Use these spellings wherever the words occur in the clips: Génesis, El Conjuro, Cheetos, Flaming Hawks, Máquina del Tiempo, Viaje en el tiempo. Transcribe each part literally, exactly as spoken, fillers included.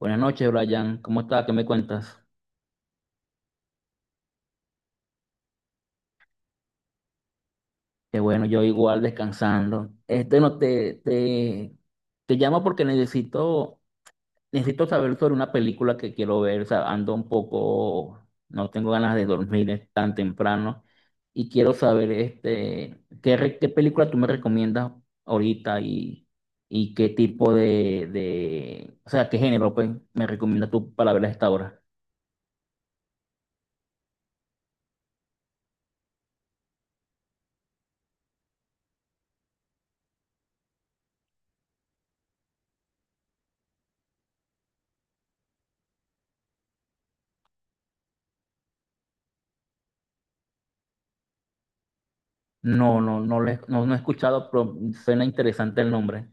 Buenas noches, Brian. ¿Cómo estás? ¿Qué me cuentas? Que bueno, yo igual descansando. Este no te, te, te llamo porque necesito, necesito saber sobre una película que quiero ver. O sea, ando un poco, no tengo ganas de dormir es tan temprano. Y quiero saber este, qué, re- qué película tú me recomiendas ahorita y, y qué tipo de, de, o sea, qué género pues, me recomiendas tú para ver a esta hora. No, no, no, le- no, no he escuchado, pero suena interesante el nombre.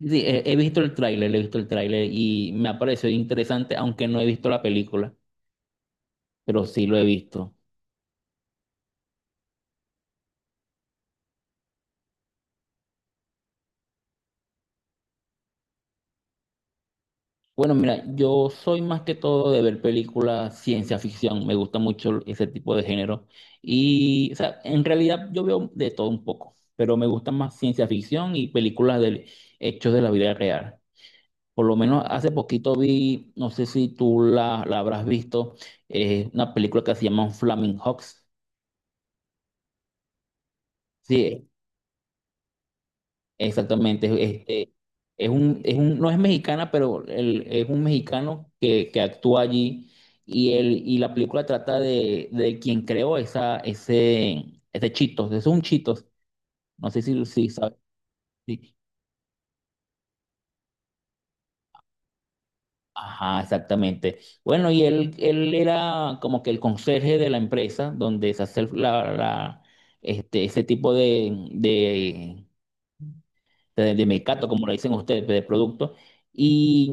Sí, sí, he, he visto el tráiler, he visto el tráiler y me ha parecido interesante, aunque no he visto la película, pero sí lo he visto. Bueno, mira, yo soy más que todo de ver películas ciencia ficción, me gusta mucho ese tipo de género y, o sea, en realidad yo veo de todo un poco, pero me gusta más ciencia ficción y películas de hechos de la vida real. Por lo menos hace poquito vi, no sé si tú la, la habrás visto, eh, una película que se llama Flaming Hawks. Sí, exactamente. Este, es un, es un, no es mexicana, pero el- es un mexicano que, que actúa allí y, el, y la película trata de, de quien creó esa, ese, ese Cheetos, es un Cheetos, no sé si, si sabes. Sí. Ajá, exactamente. Bueno, y él, él era como que el conserje de la empresa donde se hace la, la- este, ese tipo de, de, de mercado, como lo dicen ustedes, de producto. Y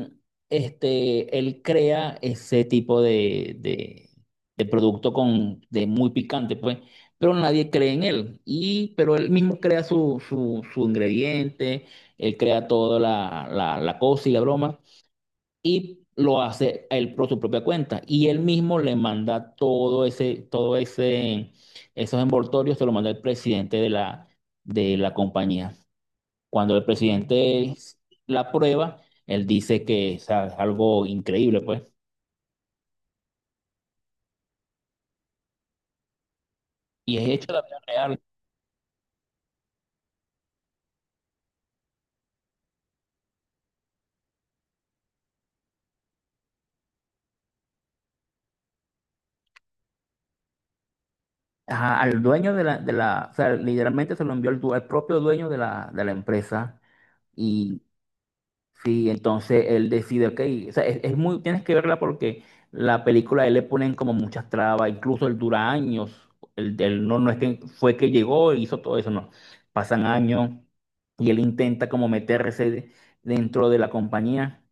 este, él crea ese tipo de, de, de producto con, de muy picante, pues, pero nadie cree en él, y, pero él mismo crea su, su, su ingrediente, él crea toda la, la, la cosa y la broma, y lo hace él por su propia cuenta, y él mismo le manda todo ese, todo ese, esos envoltorios, se lo manda el presidente de la, de la compañía. Cuando el presidente la aprueba, él dice que, o sea, es a- algo increíble, pues. Y es hecho de la vida real. Ajá, al dueño de la, de la, o sea, literalmente se lo envió al du- al propio dueño de la, de la empresa. Y sí, entonces él decide, ok, o sea, es, es muy, tienes que verla porque la película a él le ponen como muchas trabas, incluso él dura años, él, él no, no es que fue que llegó e hizo todo eso, no, pasan años y él intenta como meterse dentro de la compañía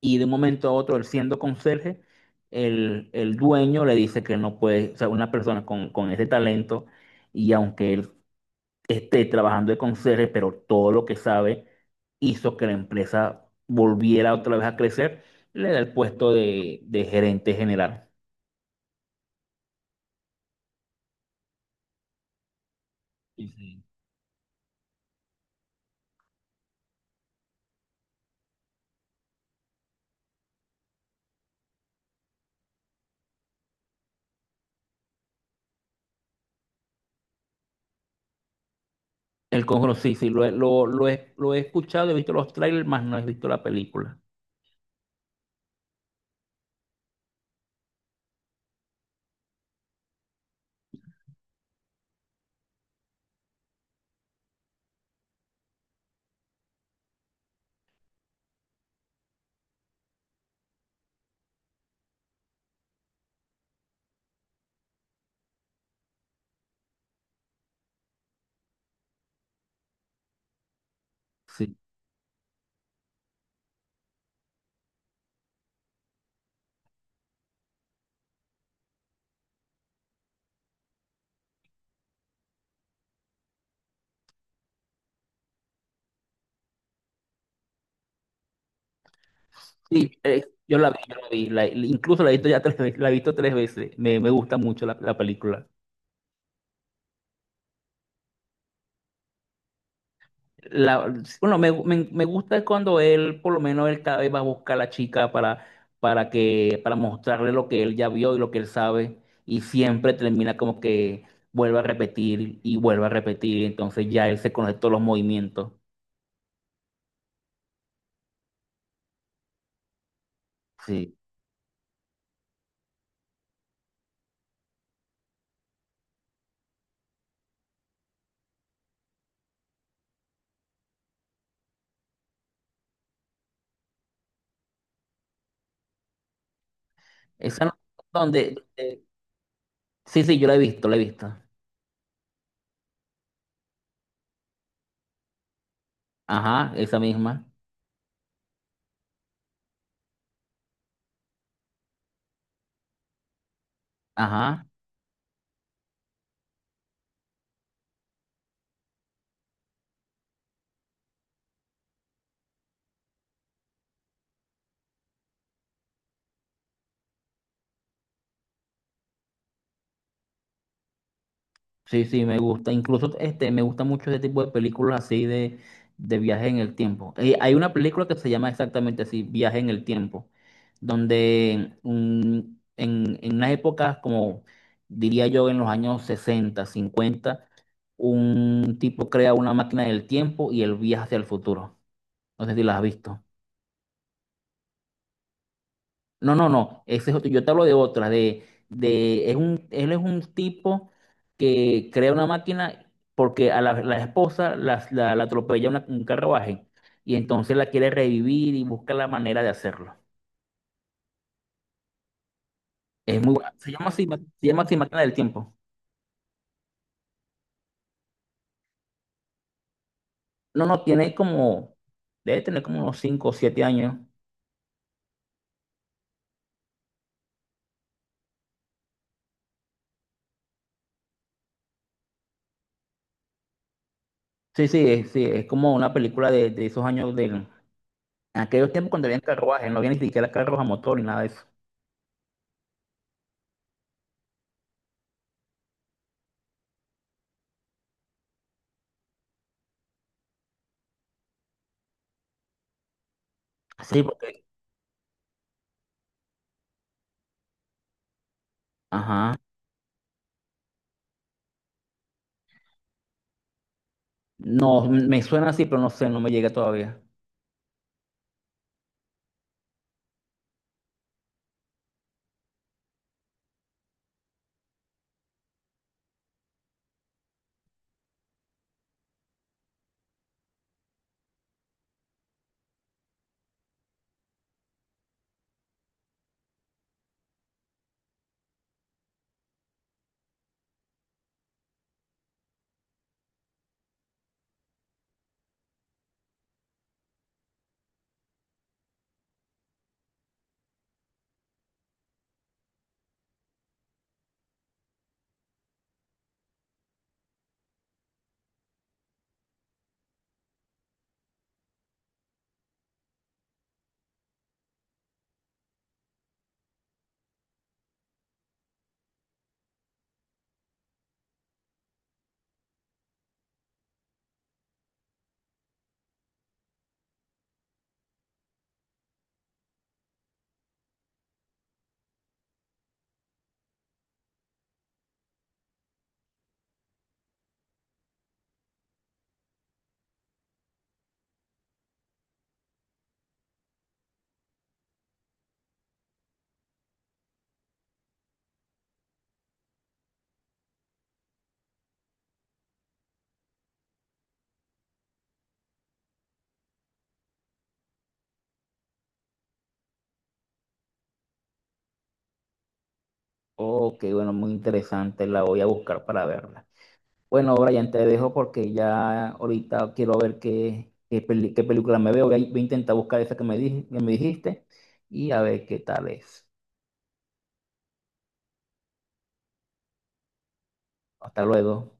y de un momento a otro, él siendo conserje, el, el dueño le dice que no puede, o sea, una persona con, con ese talento, y aunque él esté trabajando de conserje, pero todo lo que sabe hizo que la empresa volviera otra vez a crecer, le da el puesto de, de gerente general. Sí, sí. El Conjuro, sí, sí, lo, he- lo, lo he, lo he escuchado, he visto los trailers, más no he visto la película. Sí, sí, eh, yo la vi, yo la vi, la- incluso la he visto ya tres veces, la he visto tres veces, me, me gusta mucho la la película. La, bueno, me, me, me gusta cuando él, por lo menos él cada vez va a buscar a la chica para, para que, para mostrarle lo que él ya vio y lo que él sabe, y siempre termina como que vuelve a repetir y vuelve a repetir, entonces ya él se conoce todos los movimientos. Sí. Esa no- donde, eh, Sí, sí, yo la he visto, la he visto. Ajá, esa misma. Ajá. Sí, sí, me gusta. Incluso este, me gusta mucho este tipo de películas así de, de viaje en el tiempo. Eh, hay una película que se llama exactamente así, Viaje en el Tiempo, donde un- en, en unas épocas como diría yo en los años sesenta, cincuenta, un tipo crea una máquina del tiempo y él viaja hacia el futuro. No sé si la has visto. No, no, no. Ese es otro. Yo te hablo de otra. De, de, es un, él es un tipo que crea una máquina porque a la, la esposa la, la, la atropella una- un carruaje y entonces la quiere revivir y busca la manera de hacerlo. Es muy bu- Se llama así, ma- Se llama así Máquina del Tiempo. No, no, tiene como, debe tener como unos cinco o siete años. Sí, sí, es- sí, es como una película de, de esos años de aquellos tiempos cuando había carruajes, no había ni siquiera carros a motor ni nada de eso. Sí, porque, ajá. No, me suena así, pero no sé, no me llega todavía. Ok, bueno, muy interesante, la voy a buscar para verla. Bueno, Brian, te dejo porque ya ahorita quiero ver qué, qué, peli- qué película me veo. Voy a, voy a intentar buscar esa que me, dij- que me dijiste y a ver qué tal es. Hasta luego.